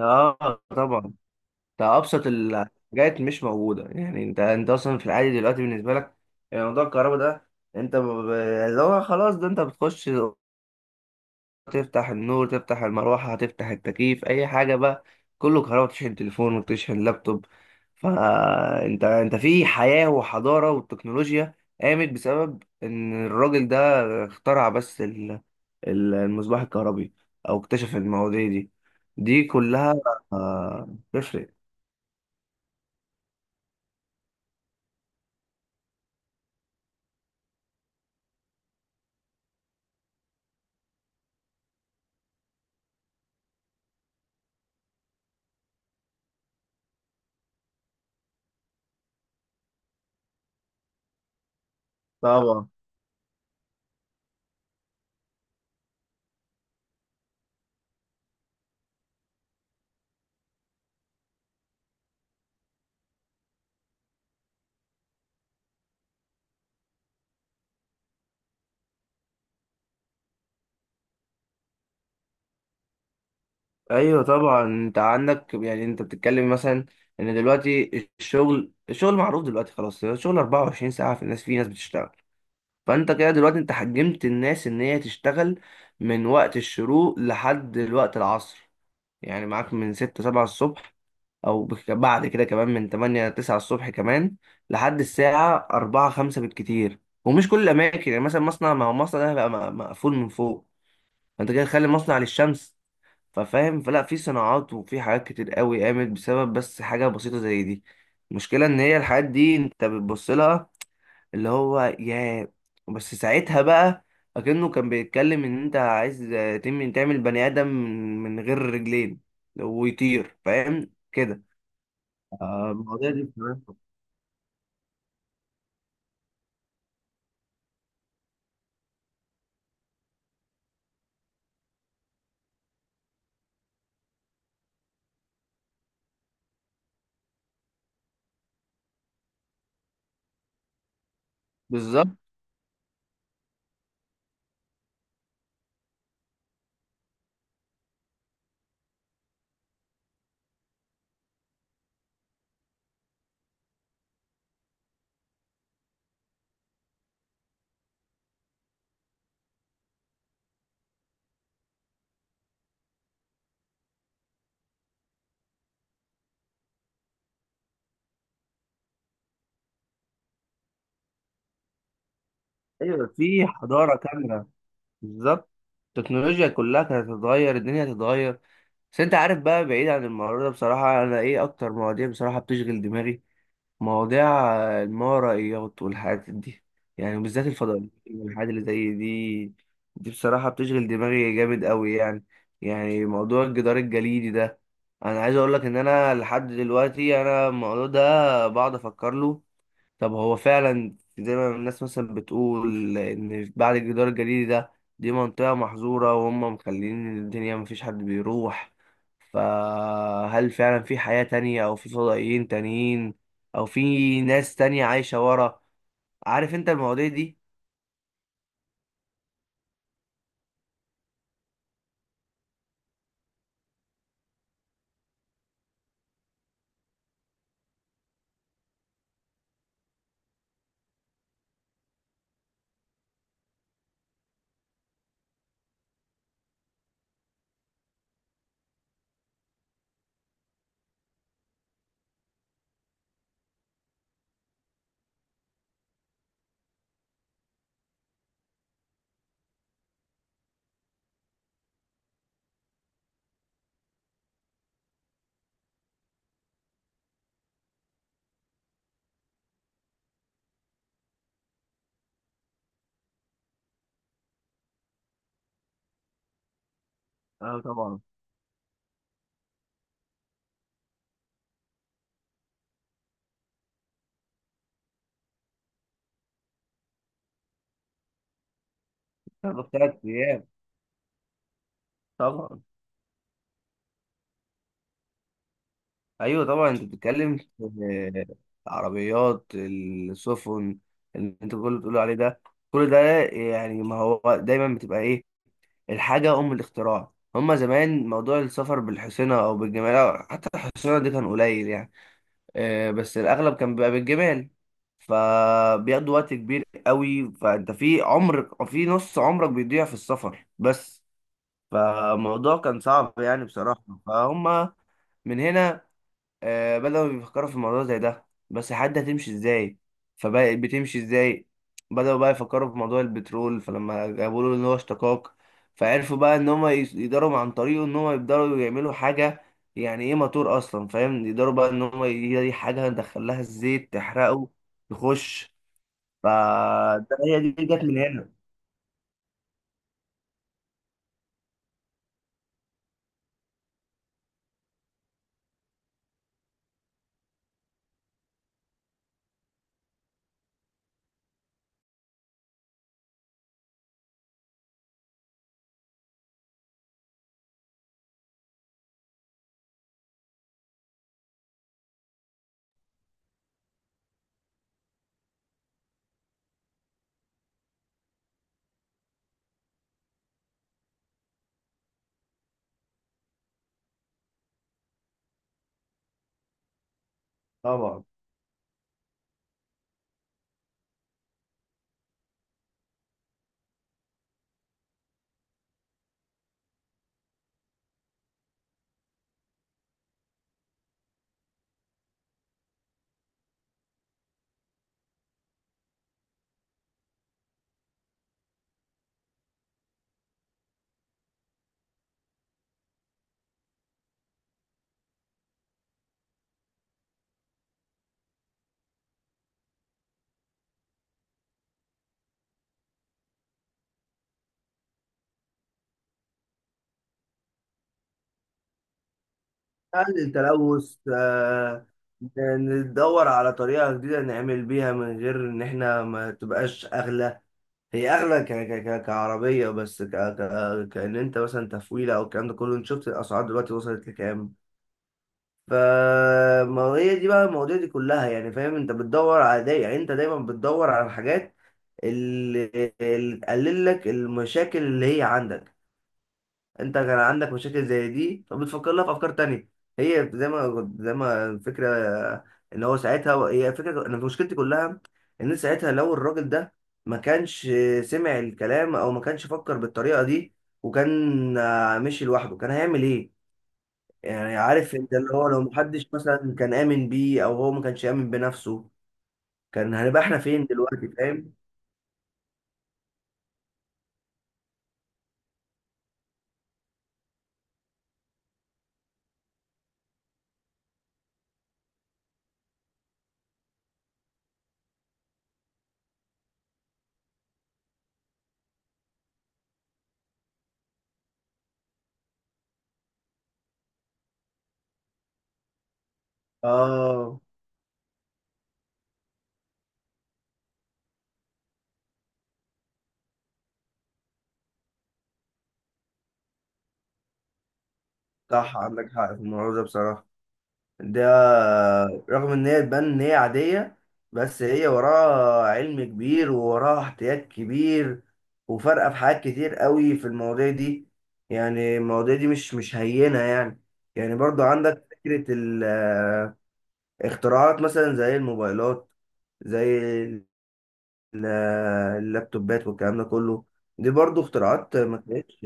اه، طبعا. ده ابسط الحاجات مش موجوده. يعني انت اصلا في العادي دلوقتي بالنسبه لك، يعني موضوع الكهرباء ده، انت اللي هو خلاص ده انت بتخش تفتح النور، تفتح المروحة، هتفتح التكييف، أي حاجة بقى كله كهرباء، تشحن تليفون وتشحن لابتوب. فأنت أنت أنت في حياة وحضارة، والتكنولوجيا قامت بسبب إن الراجل ده اخترع بس المصباح الكهربي، أو اكتشف المواضيع دي دي كلها، تفرق. طبعا. ايوه طبعا، انت عندك يعني انت بتتكلم مثلا ان دلوقتي الشغل معروف دلوقتي، خلاص الشغل 24 ساعه، في ناس بتشتغل. فانت كده دلوقتي انت حجمت الناس ان هي تشتغل من وقت الشروق لحد وقت العصر، يعني معاك من ستة سبعة الصبح، او بعد كده كمان من تمانية تسعة الصبح كمان، لحد الساعة أربعة خمسة بالكتير. ومش كل الأماكن، يعني مثلا مصنع، ما هو مصنع ده هيبقى مقفول من فوق، فانت كده تخلي مصنع للشمس، ففاهم؟ فلا، في صناعات وفي حاجات كتير قوي قامت بسبب بس حاجة بسيطة زي دي. المشكلة ان هي الحاجات دي انت بتبص لها اللي هو يا، بس ساعتها بقى اكنه كان بيتكلم ان انت عايز تعمل بني ادم من غير رجلين ويطير، فاهم كده؟ المواضيع دي بصراحة. بالظبط. ايوه، في حضاره كامله، بالظبط. التكنولوجيا كلها كانت هتتغير، الدنيا هتتغير. بس انت عارف بقى، بعيد عن الموضوع ده بصراحه، انا ايه اكتر مواضيع بصراحه بتشغل دماغي؟ مواضيع الماورائيات والحاجات دي، يعني وبالذات الفضائيات والحاجات اللي زي دي. دي بصراحة بتشغل دماغي جامد قوي يعني. يعني موضوع الجدار الجليدي ده، انا عايز اقول لك ان انا لحد دلوقتي انا الموضوع ده بقعد افكر له. طب هو فعلا زي ما الناس مثلا بتقول ان بعد الجدار الجليدي ده دي منطقة محظورة وهم مخلين الدنيا مفيش حد بيروح؟ فهل فعلا في حياة تانية او في فضائيين تانيين، او في ناس تانية عايشة ورا؟ عارف انت المواضيع دي؟ اه طبعا. تاخد تلات ايام. طبعا. ايوه طبعا، انت بتتكلم في العربيات، السفن، اللي انت كل بتقول عليه ده كل ده. يعني ما هو دايما بتبقى ايه، الحاجة أم الاختراع. هما زمان موضوع السفر بالحصينة أو بالجمال، أو حتى الحصينة دي كان قليل يعني، بس الأغلب كان بيبقى بالجمال، فبياخدوا وقت كبير قوي. فأنت في عمر، في نص عمرك بيضيع في السفر بس. فالموضوع كان صعب يعني بصراحة، فهم من هنا بدأوا يفكروا في الموضوع زي ده، بس حد هتمشي ازاي؟ فبقت بتمشي ازاي؟ بدأوا بقى يفكروا في موضوع البترول، فلما جابوا له ان هو اشتقاق، فعرفوا بقى ان هم يقدروا عن طريقه ان هم يقدروا يعملوا حاجة، يعني ايه موتور اصلا، فاهم؟ يقدروا بقى ان هم هي دي حاجة ندخلها الزيت تحرقه يخش. فده هي دي جت من هنا. طبعا. قلل التلوث، آه، ندور على طريقة جديدة نعمل بيها من غير ان احنا ما تبقاش اغلى. هي اغلى كعربيه، بس كان انت مثلا تفويله او الكلام ده كله، انت شفت الاسعار دلوقتي وصلت لكام؟ ف، ما هي دي بقى المواضيع دي كلها يعني، فاهم؟ انت بتدور على يعني انت دايما بتدور على الحاجات اللي, اللي تقلل لك المشاكل اللي هي عندك. انت كان عندك مشاكل زي دي، فبتفكر لها في افكار تانية. هي زي ما الفكره، ان هو ساعتها هي فكره، انا مشكلتي كلها ان ساعتها لو الراجل ده ما كانش سمع الكلام او ما كانش فكر بالطريقه دي، وكان مشي لوحده، كان هيعمل ايه؟ يعني عارف انت اللي هو لو محدش مثلا كان امن بيه، او هو ما كانش امن بنفسه، كان هنبقى احنا فين دلوقتي، فاهم؟ اه، صح، عندك حق في الموضوع ده بصراحه. ده رغم ان هي تبان ان هي عادية، بس هي وراها علم كبير ووراها احتياط كبير، وفارقة في حاجات كتير قوي في المواضيع دي. يعني المواضيع دي مش هينة يعني. يعني برضو عندك فكرة، الاختراعات مثلا زي الموبايلات، زي ال- اللابتوبات والكلام ده كله، دي برضو اختراعات ما كانتش.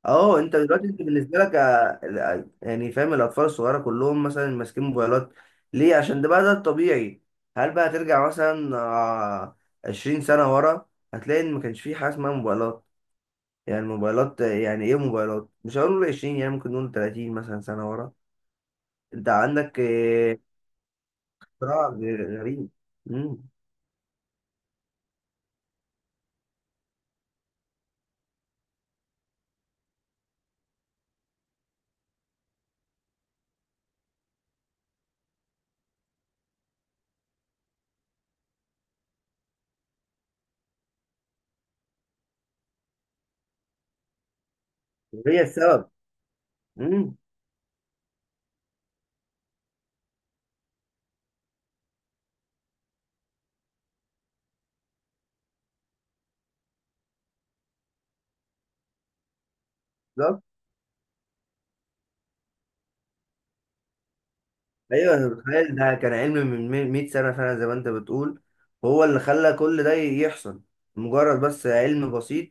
اه، انت دلوقتي انت بالنسبه لك يعني فاهم الاطفال الصغيره كلهم مثلا ماسكين موبايلات، ليه؟ عشان ده بقى ده الطبيعي. هل بقى ترجع مثلا 20 سنه ورا هتلاقي ان ما كانش في حاجه اسمها موبايلات؟ يعني الموبايلات، يعني ايه موبايلات، مش هقول 20 يعني، ممكن نقول 30 مثلا سنه ورا. انت عندك اختراع غريب. امم وهي السبب. امم ايوه، انا متخيل ده كان علم من 100 سنه فعلا زي ما انت بتقول، هو اللي خلى كل ده يحصل. مجرد بس علم بسيط،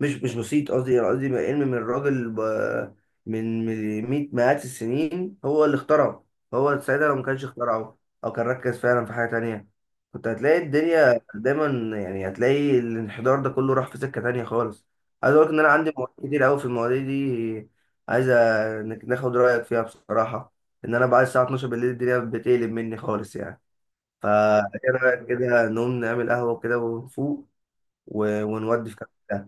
مش بسيط قصدي، يعني قصدي بقى علم من الراجل من مئات السنين هو اللي اخترعه. هو ساعتها لو ما كانش اخترعه، او كان ركز فعلا في حاجة تانية، كنت هتلاقي الدنيا دايما، يعني هتلاقي الانحدار ده كله راح في سكة تانية خالص. عايز اقول لك ان انا عندي مواضيع كتير قوي في المواضيع دي، عايز انك ناخد رأيك فيها بصراحة. ان انا بعد الساعة 12 بالليل الدنيا بتقلب مني خالص يعني. فا ايه رأيك كده نقوم نعمل قهوة كده ونفوق، ونودي في كده.